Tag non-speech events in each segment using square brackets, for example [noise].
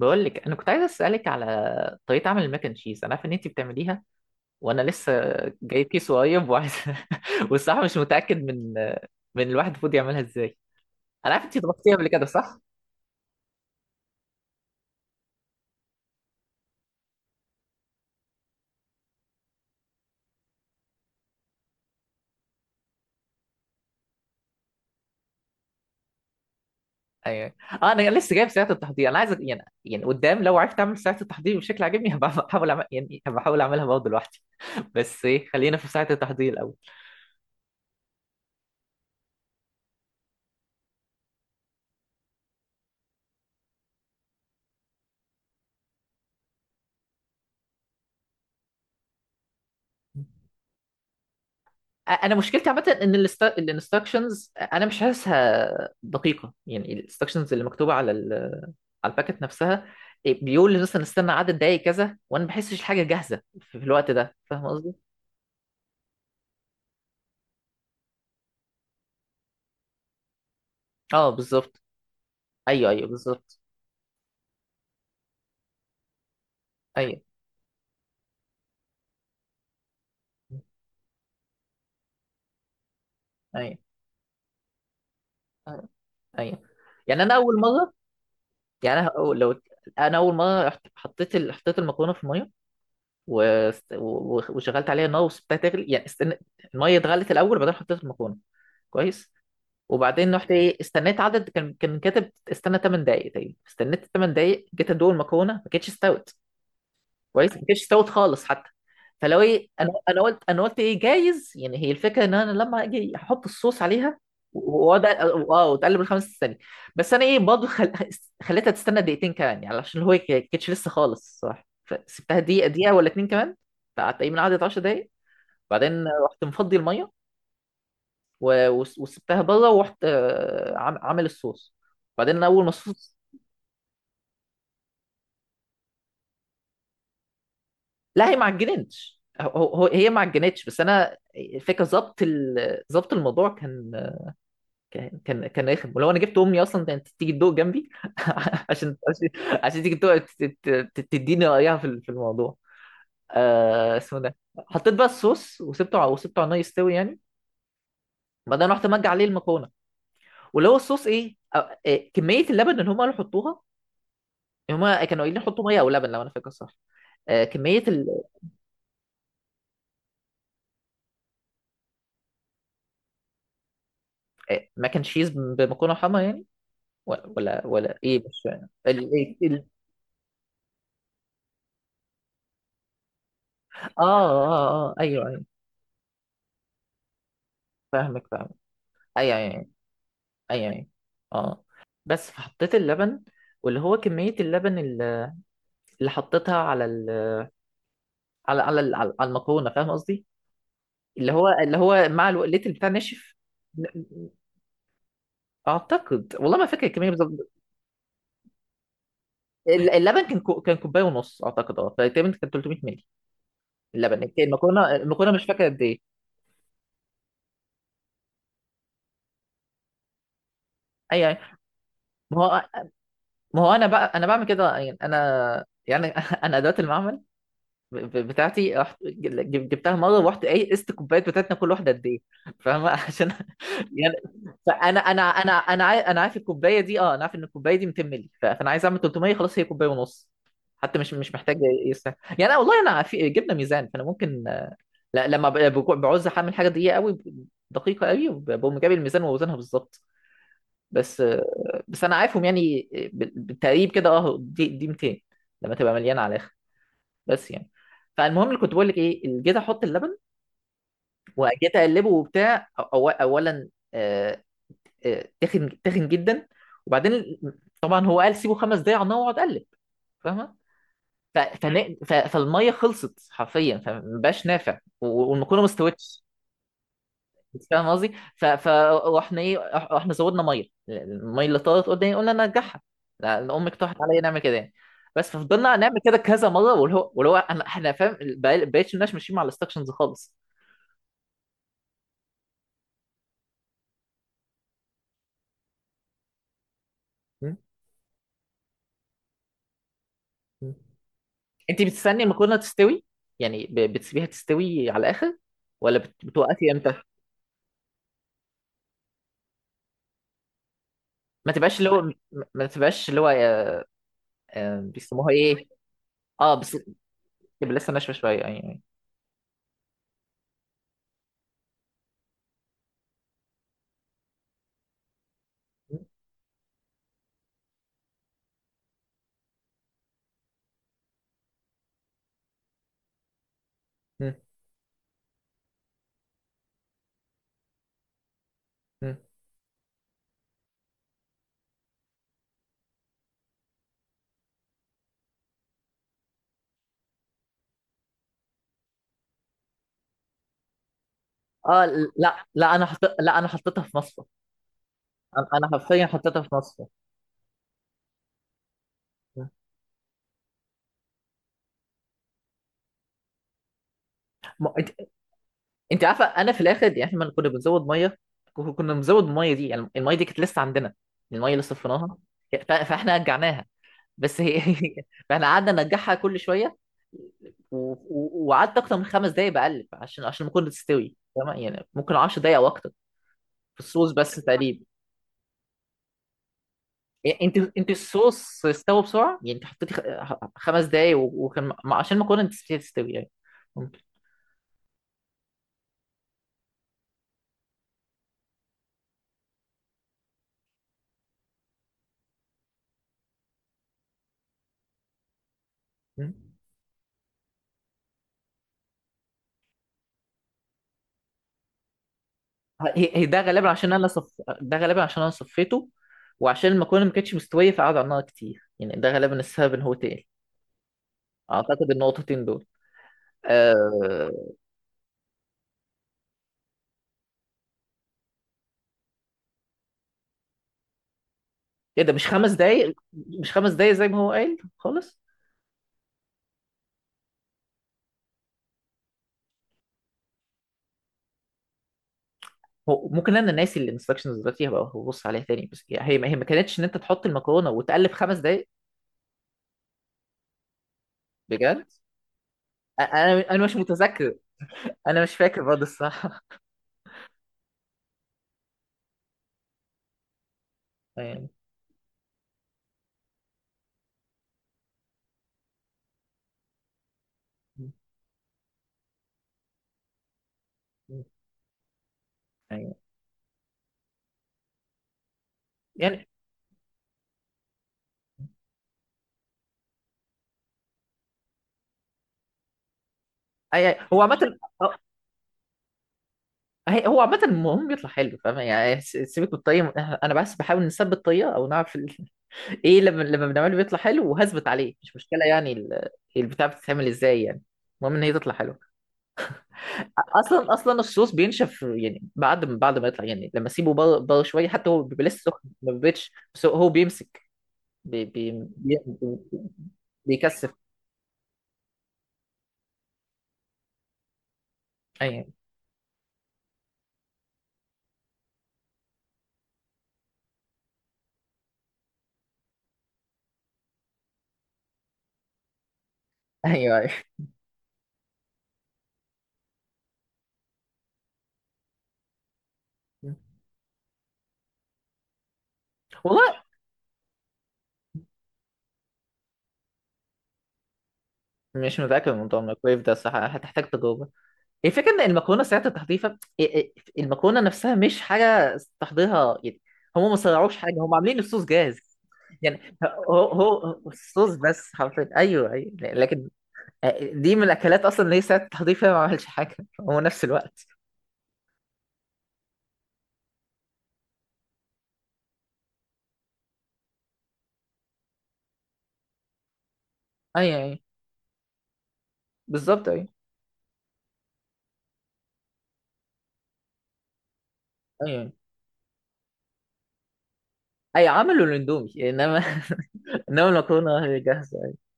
بقول لك انا كنت عايز اسالك على طريقه عمل الماك اند تشيز. انا عارف ان انت بتعمليها وانا لسه جايب كيس قريب وعايز [laughs] والصراحه مش متاكد من الواحد المفروض يعملها ازاي. انا عارف انت طبختيها قبل كده، صح؟ ايوه، اه انا لسه جايب ساعه التحضير، انا عايز يعني قدام لو عرفت اعمل ساعه التحضير بشكل عاجبني هبقى [laughs] احاول أعمل... يعني هبقى احاول اعملها برضه لوحدي. [laughs] بس ايه، خلينا في ساعه التحضير الاول. انا مشكلتي عامه ان الانستراكشنز انا مش حاسسها دقيقه، يعني الانستراكشنز اللي مكتوبه على الباكت نفسها، بيقول لي مثلا استنى عدد دقايق كذا وانا ما بحسش الحاجه جاهزه في الوقت ده، فاهم قصدي؟ اه بالظبط. ايوه بالظبط. ايوه ايوه ايوه أيوة. يعني انا اول مره، لو انا اول مره حطيت حطيت المكرونه في الميه وشغلت عليها النار وسبتها تغلي، يعني استنى الميه اتغلت الاول وبعدين حطيت المكرونه. كويس. وبعدين رحت ايه، استنيت عدد، كان كاتب استنى 8 دقايق تقريبا، استنيت 8 دقايق جيت ادوق المكرونه ما كانتش استوت. كويس، ما كانتش استوت خالص حتى. فلو ايه، انا قلت انا قلت ايه، جايز يعني هي الفكره ان انا لما اجي احط الصوص عليها وأقعد- اه وتقلب الخمس ثواني. بس انا ايه، برضه خليتها تستنى دقيقتين كمان، يعني عشان هو ما كانتش لسه خالص، صح؟ فسبتها دقيقه ولا اتنين كمان. فقعدت تقريبا قعدت 10 دقايق، بعدين رحت مفضي الميه وسبتها بره، ورحت عامل الصوص. بعدين انا اول ما الصوص. لا هي ما عجنتش، هي ما عجنتش، بس انا الفكره ظبط الموضوع كان، كان رخم، ولو انا جبت امي اصلا كانت تيجي تدوق جنبي، [laughs] عشان عشان عشان تيجي تدوق تديني رايها في في الموضوع، آه اسمه ده. حطيت بقى الصوص وسبته وسبته على النار يستوي يعني. بعدين رحت مجي عليه المكرونه، واللي هو الصوص ايه أو- إيه، كميه اللبن اللي هم قالوا حطوها. هما كانوا قايلين حطوا ميه او لبن لو انا فاكر صح. آه، كمية ال... آه، ماك اند تشيز بمكرونة حمرا يعني، ولا ايه، مش فاهم اه ايوه ايوه. فاهمك فاهمك. ايوه ايوه ايوه ايوه أيوه. اه بس فحطيت اللبن، واللي هو كمية اللبن اللي، اللي حطيتها على على المكرونة، فاهم قصدي؟ اللي هو مع الوقلات اللي بتاع ناشف. ن- ن- اعتقد والله ما فاكر الكميه بالظبط. اللبن كان كان كوبايه ونص اعتقد، اه فتقريبا كان 300 مللي اللبن. المكرونه، المكرونه مش فاكر قد ايه. اي اي. ما هو ما هو انا بقى انا بعمل كده، يعني انا يعني [laughs] انا ادوات المعمل بتاعتي رحت جبتها مره ورحت ايه قست الكوبايات بتاعتنا كل واحده قد ايه، فاهمه؟ [laughs] عشان يعني فانا انا عارف، انا عارف الكوبايه دي، اه انا عارف ان الكوبايه دي 200 مللي، فانا عايز اعمل 300، خلاص هي كوبايه ونص، حتى مش محتاج يستاهل يعني. أنا والله انا في جبنا ميزان فانا ممكن آه، لا بعوز اعمل حاجه دقيقه قوي، دقيقه قوي بقوم جايب الميزان واوزنها بالظبط، بس. انا عارفهم يعني بالتقريب كده، اه دي 200 لما تبقى مليانه على الاخر، بس يعني. فالمهم اللي كنت بقول لك، ايه اللي جيت احط اللبن وجيت اقلبه وبتاع اولا آه، تخن جدا. وبعدين طبعا هو قال سيبه خمس دقايق على النار واقعد اقلب، فاهمه؟ فالميه خلصت حرفيا فمبقاش نافع، والمكرونه ما استوتش بس، فاهم قصدي؟ واحنا ايه، واحنا زودنا ميه، الميه اللي طارت قدامي قلنا نرجعها، لان امي اقترحت عليا نعمل كده يعني. بس ففضلنا نعمل كده كذا مره، واللي هو احنا فاهم بقيتش الناس ماشيين مع الانستكشنز خالص. مم. مم. انت بتستني المكرونه تستوي، يعني بتسيبيها تستوي على الاخر ولا بتوقفي امتى؟ ما تبقاش اللي هو ما، ما تبقاش اللي هو آه، بيسموها ايه، اه بس. تبقى لسه ناشفه شويه يعني. مم. مم. اه. لا انا حطيتها في مصفى. أنا حرفيا حطيتها في مصر. ما... انت، انت عارفه انا في الاخر يعني احنا لما كنا بنزود ميه، كنا بنزود الميه دي، يعني الميه دي كانت لسه عندنا، الميه اللي صفيناها فاحنا رجعناها بس هي، [laughs] فاحنا قعدنا نرجعها كل شويه و... وقعدت اكتر من خمس دقايق بقلب عشان عشان المكرونه تستوي تمام، يعني ممكن 10 دقايق او اكتر في الصوص بس تقريبا. يعني انت الصوص استوى بسرعه، يعني انت حطيتي خمس دقايق وكان عشان المكرونه تستوي يعني. ممكن. هي ده غالبا عشان انا ده غالبا عشان انا صفيته، وعشان المكرونه ما كانتش مستويه فقعد على النار كتير، يعني ده غالبا السبب ان هو تقل، اعتقد النقطتين دول. آه... ايه ده، مش خمس دقايق زي ما هو قال خالص. هو ممكن انا ناسي الانستراكشنز دلوقتي، هبقى ببص عليها تاني، بس هي، هي ما كانتش ان انت تحط المكرونه وتقلب خمس دقايق، بجد. انا مش متذكر، انا مش فاكر برضه الصراحه. [laughs] يعني يعني يعني هو عامه، هو عامة المهم بيطلع حلو، فاهم يعني؟ سيبك من الطريقة، أنا بس بحاول نثبت الطريقة أو نعرف [laughs] إيه، لما بنعمله بيطلع حلو وهثبت عليه، مش مشكلة يعني البتاع بتتعمل إزاي يعني، المهم إن هي تطلع حلوة. أصلا أصلا الصوص بينشف يعني بعد ما يطلع، يعني لما أسيبه بره شوية، حتى هو بيبقى لسه سخن ما بيبقاش، بس هو هو بيمسك بي... بي... بي... بيكثف. أيوه أيوه أيوه. والله مش متأكد من موضوع الميكرويف ده الصراحة، هتحتاج تجربة. الفكرة إن المكرونة ساعة التحضير، المكرونة نفسها مش حاجة تحضيرها يعني، هم ما سرعوش حاجة، هم عاملين الصوص جاهز. يعني هو الصوص بس حرفيا، أيوه أيوه لكن. دي من الأكلات أصلا اللي هي ساعة التحضير فيها ما عملش حاجة، هو نفس الوقت. أيوه بالظبط. أيوه أيوه، أي عملوا الأندومي، إنما [laughs] إنما المكرونة هي جاهزة أيوه.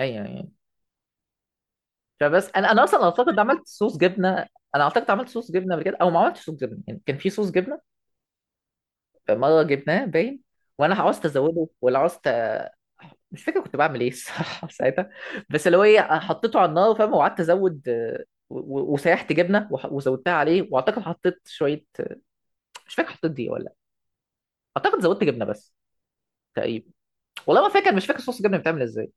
أيوه فبس، أنا أصلا أعتقد عملت صوص جبنة. أنا أعتقد عملت صوص جبنة قبل كده، أو ما عملتش صوص جبنة، يعني كان في صوص جبنة مرة جبناه باين، وانا عاوزت ازوده ولا عاوزت، مش فاكر كنت بعمل ايه الصراحة [laughs] ساعتها. بس اللي هو ايه حطيته على النار، فاهم؟ وقعدت ازود آه، وسيحت جبنة وزودتها عليه، واعتقد حطيت شوية آه، مش فاكر حطيت دي ولا لأ. اعتقد زودت جبنة بس، تقريبا. والله ما فاكر، مش فاكر صوص الجبنة بتعمل ازاي.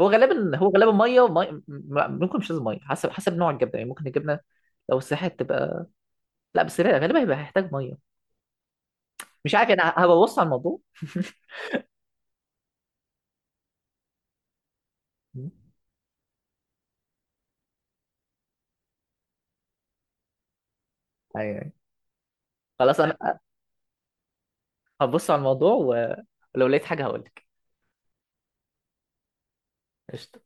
هو غالبا مية ممكن مش لازم مية، حسب نوع الجبنة، يعني ممكن الجبنة لو سيحت تبقى، لا بس غالبا هيبقى هيحتاج مية، مش عارف انا هبقى ببص على الموضوع. [laughs] ايوه أيوة. خلاص انا هبص على الموضوع ولو لقيت حاجة هقولك. قشطة.